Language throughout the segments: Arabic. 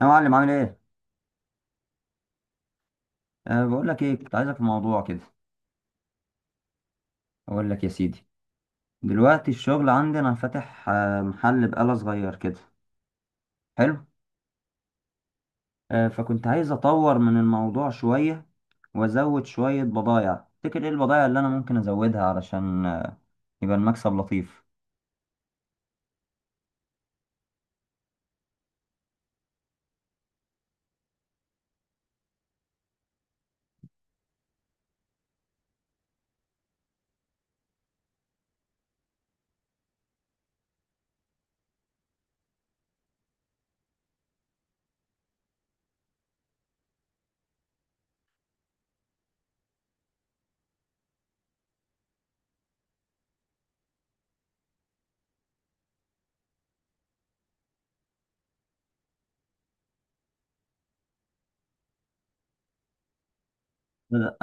يا معلم، عامل ايه؟ أه، بقول لك ايه كنت عايزك في موضوع كده. اقول لك يا سيدي. دلوقتي الشغل عندنا فاتح، محل بقالة صغير كده. حلو. أه، فكنت عايز اطور من الموضوع شوية، وازود شوية بضايع. تفتكر ايه البضايع اللي انا ممكن ازودها علشان يبقى المكسب لطيف؟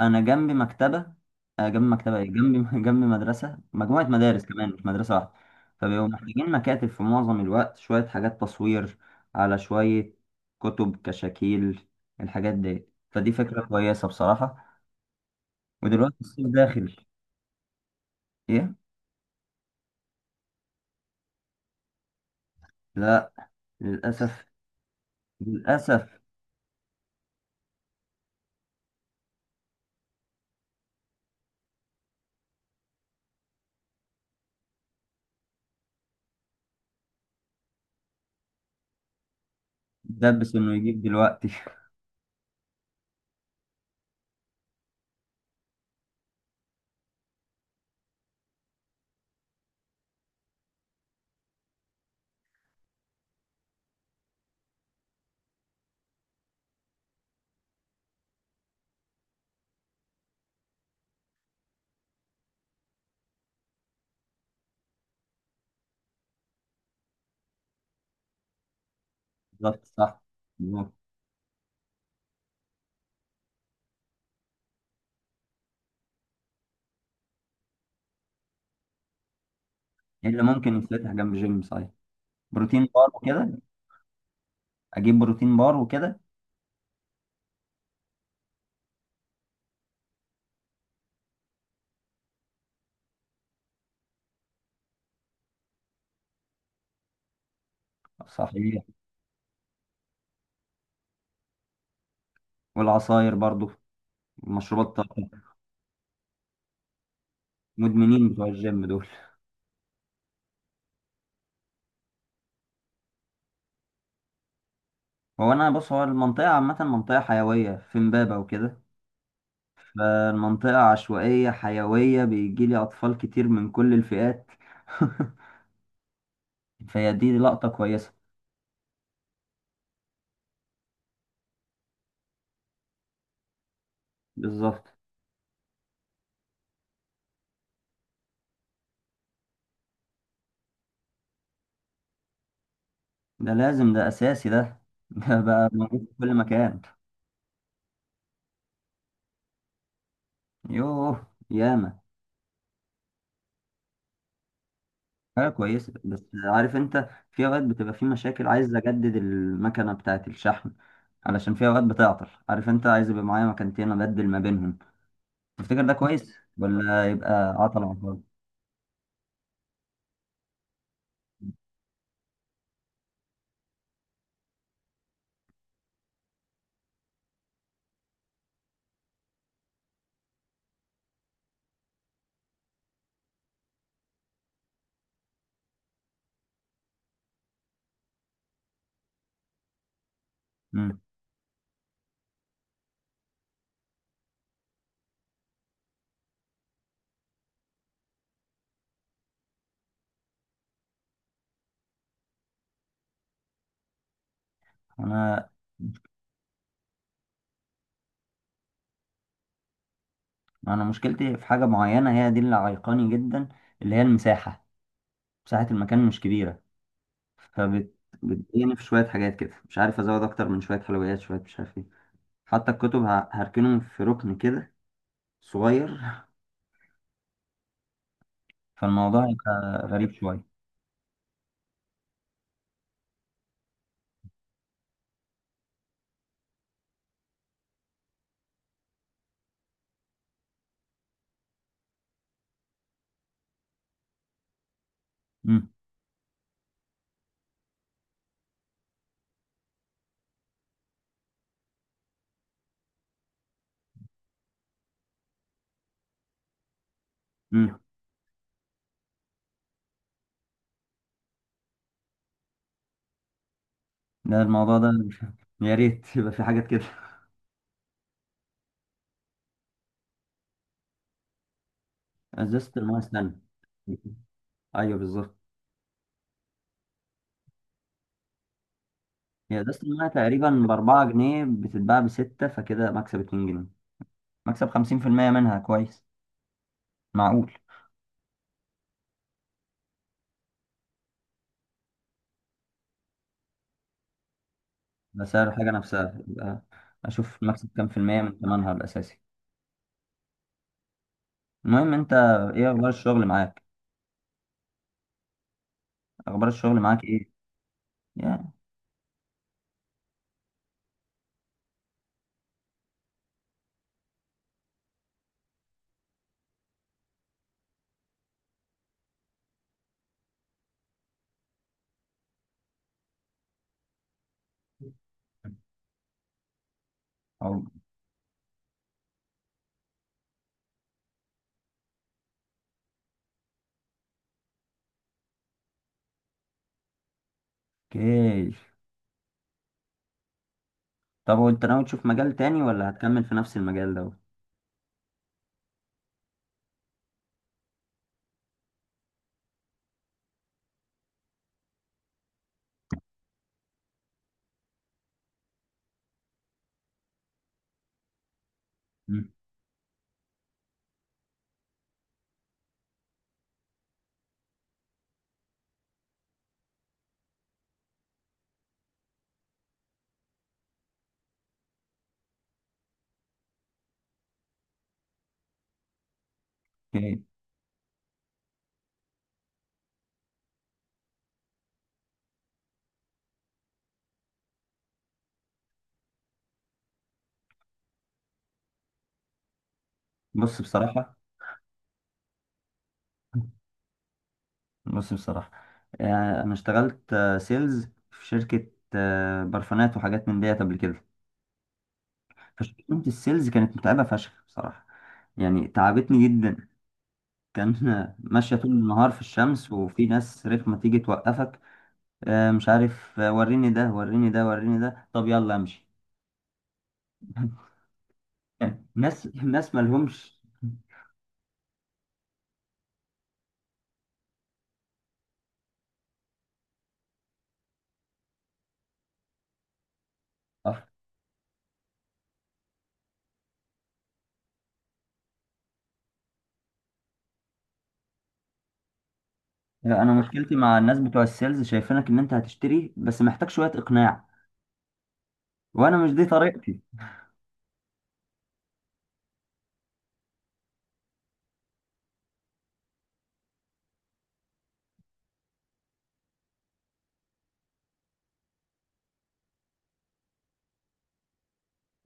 انا جنبي مكتبه، جنبي مكتبه ايه، جنبي جنبي مدرسه، مجموعه مدارس كمان مش مدرسه واحده. فبيبقوا محتاجين مكاتب في معظم الوقت، شويه حاجات تصوير، على شويه كتب كشاكيل. الحاجات دي، فدي فكره كويسه بصراحه. ودلوقتي الصيف داخل. ايه؟ لا. للاسف. للاسف. دبس انه يجيب دلوقتي بالظبط، صح، بالظبط. إيه اللي ممكن يتفتح جنب جيم؟ صحيح، بروتين بار وكده. اجيب بروتين بار وكده. صحيح. والعصاير برضو، مشروبات طاقة. مدمنين بتوع الجيم دول. هو انا بص، هو المنطقة عامة، منطقة حيوية في امبابة وكده. فالمنطقة عشوائية حيوية، بيجيلي اطفال كتير من كل الفئات فهي دي لقطة كويسة. بالظبط. ده لازم، ده اساسي، ده ده بقى موجود في كل مكان. يوه ياما. حاجة كويسة بس. عارف انت في اوقات بتبقى في مشاكل، عايز اجدد المكنة بتاعت الشحن، علشان في اوقات بتعطل. عارف انت، عايز يبقى معايا مكانتين ابدل ما بينهم. تفتكر ده كويس ولا يبقى عطل على الفاضي؟ مم. انا انا مشكلتي في حاجه معينه، هي دي اللي عيقاني جدا. اللي هي المساحه. مساحه المكان مش كبيره. فبت بتضايقني في شويه حاجات كده، مش عارف ازود اكتر من شويه حلويات، شويه مش عارف ايه. حتى الكتب هركنهم في ركن كده صغير. فالموضوع هيبقى غريب شويه. مم. مم. ده الموضوع ده يا ريت يبقى في حاجات كده ازازه المايه، استنى. ايوه بالظبط. هي ازازة المية تقريبا بـ4 جنيه، بتتباع بستة، فكده مكسب 2 جنيه. مكسب 50% منها كويس. معقول. ده سعر الحاجة نفسها، يبقى أشوف مكسب كام في المية من ثمنها الأساسي. المهم أنت. إيه أخبار الشغل معاك؟ أخبار الشغل معاك إيه؟ يا. أوكي. طب وأنت ناوي تشوف مجال تاني ولا هتكمل في نفس المجال ده؟ مم. أوكي. بص بصراحة بص بصراحة. أنا اشتغلت سيلز في شركة برفانات وحاجات من ديت قبل كده. تيمة السيلز كانت متعبة فشخ بصراحة. يعني تعبتني جدا. كان ماشية طول النهار في الشمس، وفي ناس رخمة تيجي توقفك. مش عارف، وريني ده، وريني ده، وريني ده، طب يلا امشي ناس ناس مالهمش. أف- انا مشكلتي مع الناس بتوع السيلز، شايفينك ان انت هتشتري بس محتاج شوية اقناع. وانا مش دي طريقتي.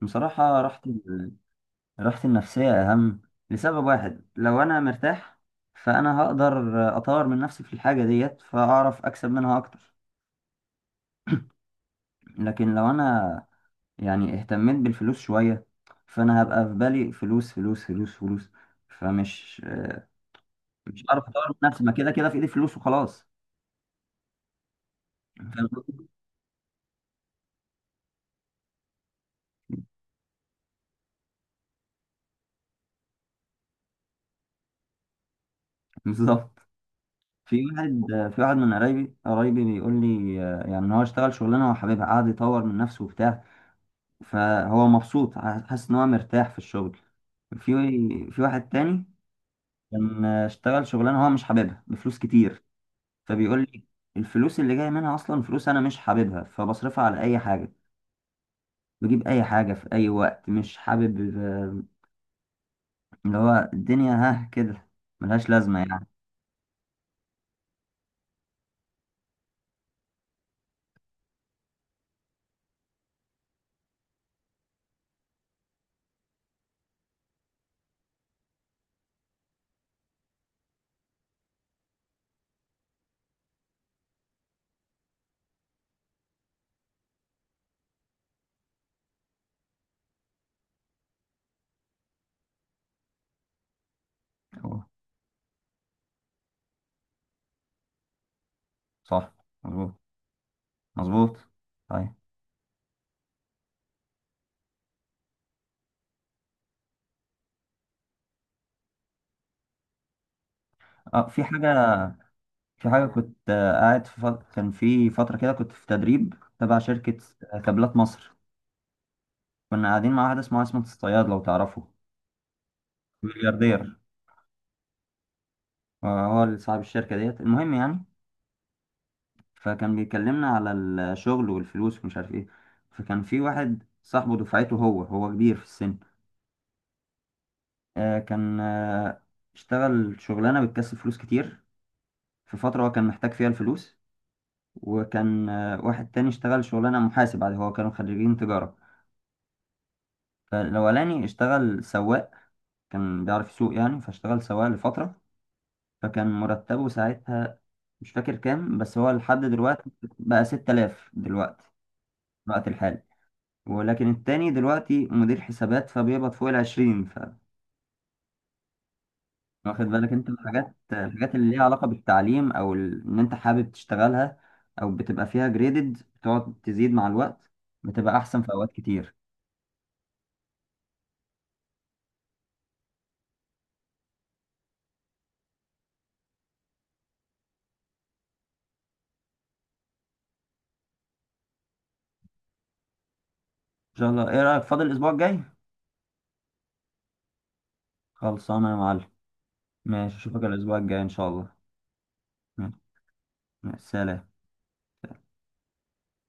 بصراحة راحتي النفسية أهم. لسبب واحد، لو أنا مرتاح فأنا هقدر أطور من نفسي في الحاجة ديت، فأعرف أكسب منها أكتر. لكن لو أنا يعني اهتميت بالفلوس شوية، فأنا هبقى في بالي فلوس فلوس فلوس فلوس، فمش مش هعرف أطور من نفسي. ما كده كده في إيدي فلوس وخلاص فاهم قصدي؟ بالظبط. في واحد في واحد من قرايبي، قرايبي بيقول لي، يعني إن هو اشتغل شغلانة هو حاببها، قعد يطور من نفسه وبتاع. فهو مبسوط حاسس ان هو مرتاح في الشغل. في في واحد تاني كان اشتغل شغلانه هو مش حاببها بفلوس كتير، فبيقول لي الفلوس اللي جايه منها اصلا فلوس انا مش حاببها، فبصرفها على اي حاجه، بجيب اي حاجه في اي وقت مش حابب. اللي هو الدنيا ها كده، ملهاش لازمه يعني. هو. صح. مظبوط. مظبوط. طيب. اه، في حاجه. في حاجه كنت آه، قاعد في فت... كان في فتره كده كنت في تدريب تبع شركه كابلات مصر. كنا قاعدين مع واحد اسمه عصمت الصياد لو تعرفه. ملياردير. هو اللي صاحب الشركة ديت، المهم يعني. فكان بيكلمنا على الشغل والفلوس ومش عارف ايه. فكان في واحد صاحبه دفعته، هو كبير في السن. كان اشتغل شغلانة بتكسب فلوس كتير في فترة هو كان محتاج فيها الفلوس. وكان واحد تاني اشتغل شغلانة محاسب عادي، هو كانوا خريجين تجارة. فالأولاني اشتغل سواق، كان بيعرف يسوق يعني فاشتغل سواق لفترة. فكان مرتبه ساعتها مش فاكر كام، بس هو لحد دلوقتي بقى 6000 دلوقتي، في الوقت الحالي. ولكن التاني دلوقتي مدير حسابات، فبيقبض فوق ال 20. ف واخد بالك انت من الحاجات اللي ليها علاقة بالتعليم او ان انت حابب تشتغلها، او بتبقى فيها جريدد بتقعد تزيد مع الوقت، بتبقى احسن في اوقات كتير. ان شاء الله، ايه رأيك فاضل الاسبوع الجاي؟ خلصانه يا معلم. ماشي، اشوفك الاسبوع الجاي ان شاء الله. ماشي. مع السلامه.